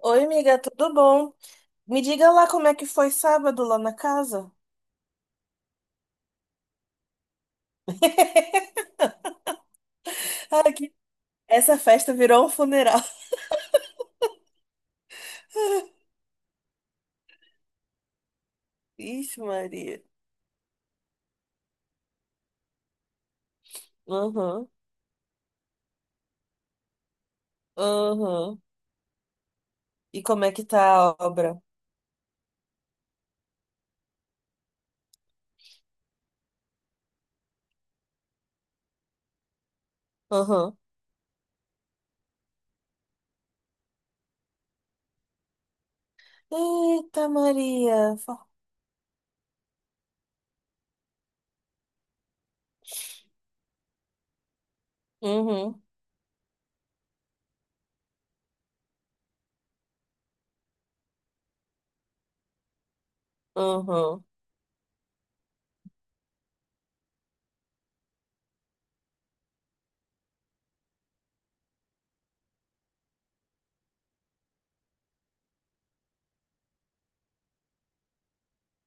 Oi, amiga, tudo bom? Me diga lá como é que foi sábado lá na casa. Ai, que- Essa festa virou um funeral. Ixi, Maria. Uhum, uhum. E como é que tá a obra? Uhum. Eita, Maria. Fa- Uhum, uhum,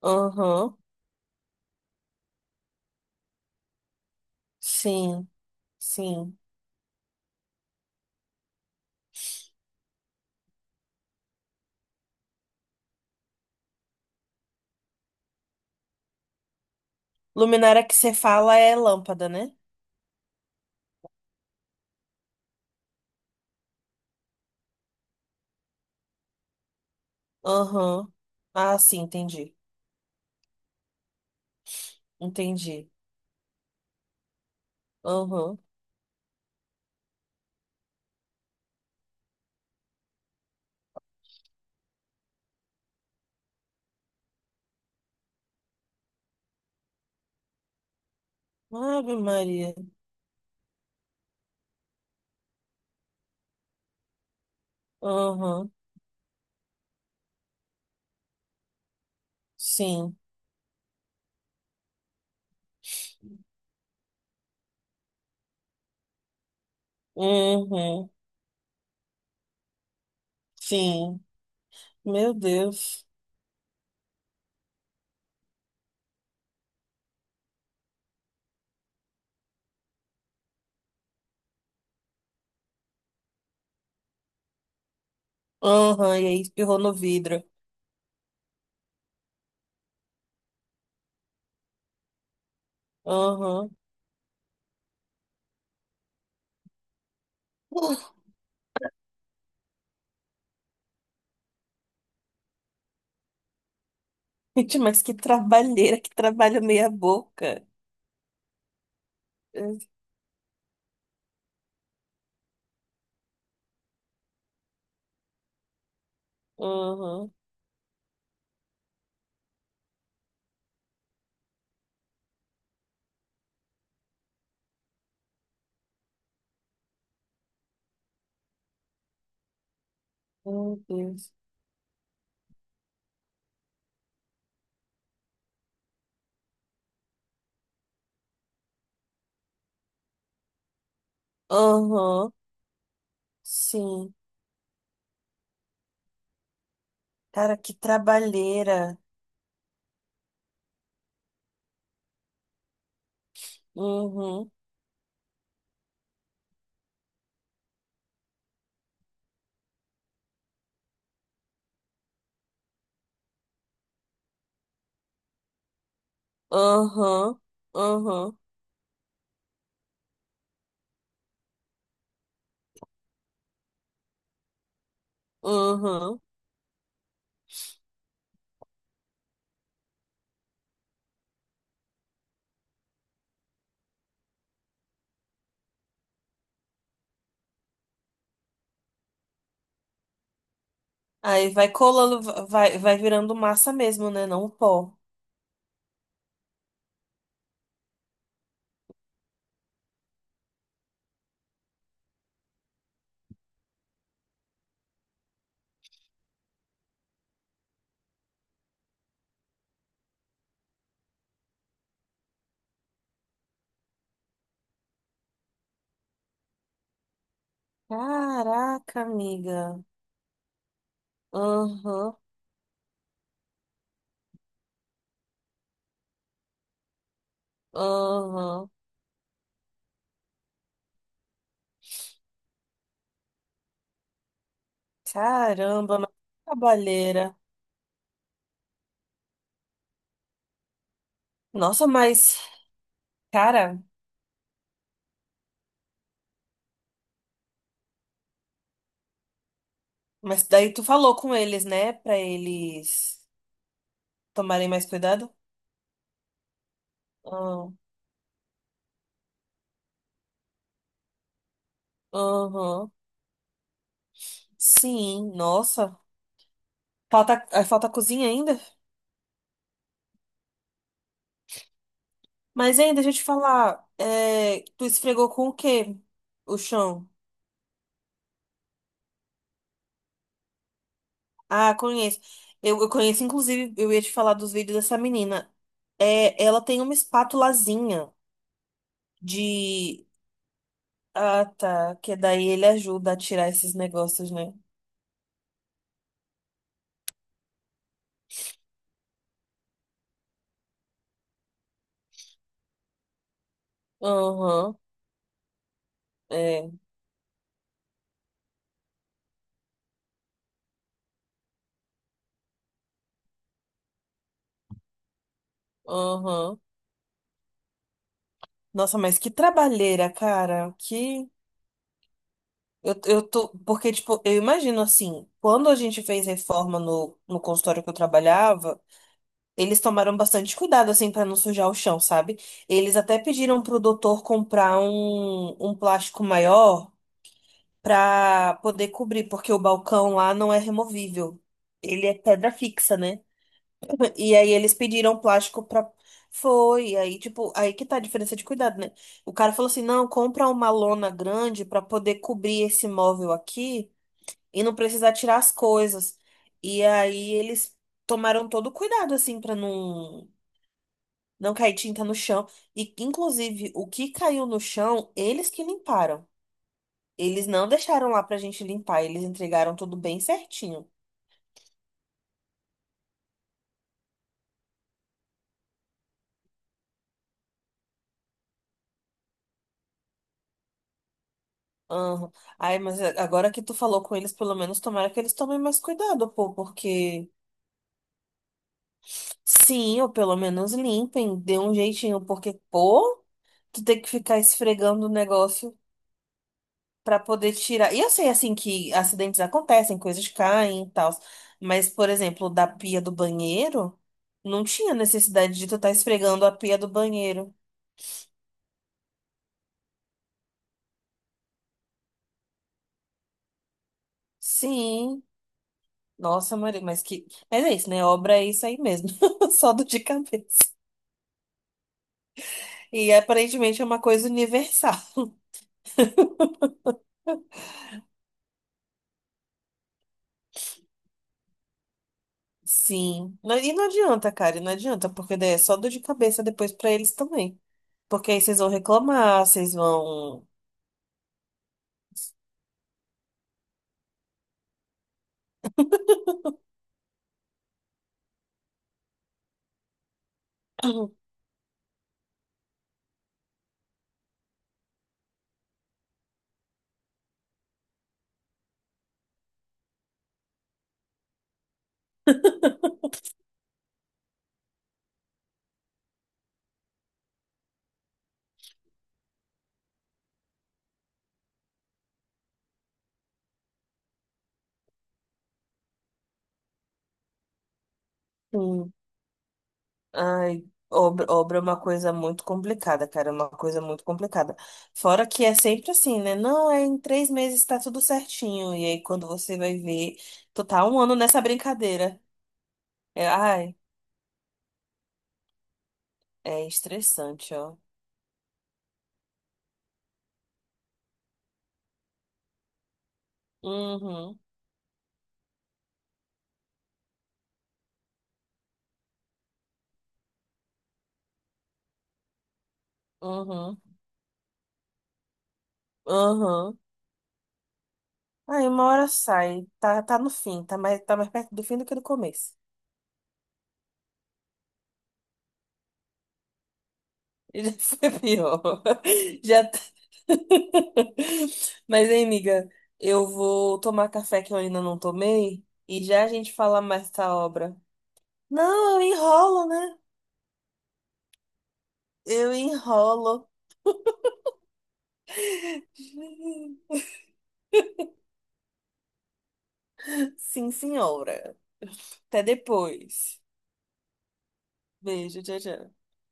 uhum. Sim, sim. Luminária que você fala é lâmpada, né? Uhum. Ah, sim, entendi. Entendi. Uhum. Ave Maria. Uhum. Sim. Uhum. Sim. Meu Deus. Uhum. E aí espirrou no vidro. Uhum. Gente, mas que trabalheira, que trabalho meia boca. Uhum. Meu Deus. Uhum. Sim. Cara, que trabalheira. Uhum. Uhum. Uhum. Uhum. Aí vai colando, vai, vai virando massa mesmo, né? Não o pó. Caraca, amiga. Aham. Aham. Caramba, mas que trabalheira. Nossa, mas, cara, mas daí tu falou com eles, né? Pra eles tomarem mais cuidado? Ah, aham. Sim, nossa. Falta, ah, falta cozinha ainda? Mas ainda, deixa eu te falar, é, tu esfregou com o quê? O chão. Ah, conheço. Eu conheço, inclusive, eu ia te falar dos vídeos dessa menina. É, ela tem uma espátulazinha de Ah, tá. Que daí ele ajuda a tirar esses negócios, né? Aham, é. Aham. Nossa, mas que trabalheira, cara. Que. Eu tô. Porque, tipo, eu imagino assim, quando a gente fez reforma no, no consultório que eu trabalhava, eles tomaram bastante cuidado, assim, pra não sujar o chão, sabe? Eles até pediram pro doutor comprar um, um plástico maior pra poder cobrir, porque o balcão lá não é removível. Ele é pedra fixa, né? E aí eles pediram plástico pra. Foi, aí, tipo, aí que tá a diferença de cuidado, né? O cara falou assim: não, compra uma lona grande pra poder cobrir esse móvel aqui e não precisar tirar as coisas. E aí eles tomaram todo o cuidado, assim, pra não, não cair tinta no chão. E, inclusive, o que caiu no chão, eles que limparam. Eles não deixaram lá pra gente limpar, eles entregaram tudo bem certinho. Aham. Ai, mas é, agora que tu falou com eles, pelo menos tomara que eles tomem mais cuidado, pô, porque sim, ou pelo menos limpem, dê um jeitinho, porque, pô, tu tem que ficar esfregando o negócio pra poder tirar. E eu sei, assim, que acidentes acontecem, coisas caem e tal, mas, por exemplo, da pia do banheiro, não tinha necessidade de tu estar esfregando a pia do banheiro. Sim, nossa, Maria, mas que. Mas é isso, né? Obra é isso aí mesmo, só do de cabeça. E aparentemente é uma coisa universal. Sim. Não- E não adianta, cara, e não adianta, porque daí é só dor de cabeça depois pra eles também. Porque aí vocês vão reclamar, vocês vão. Hum. Ai, obra, obra é uma coisa muito complicada, cara, é uma coisa muito complicada. Fora que é sempre assim, né? Não, é em 3 meses tá tudo certinho. E aí quando você vai ver, tu tá 1 ano nessa brincadeira. É, ai, é estressante, ó. Uhum, uhum, uhum. Aí uma hora sai, tá, tá no fim, tá mais perto do fim do que do começo. E já foi pior. Já tá... Mas, hein, amiga, eu vou tomar café que eu ainda não tomei e já a gente fala mais dessa obra. Não, eu enrolo, né? Eu enrolo. Sim, senhora. Até depois. Beijo, tchau, tchau.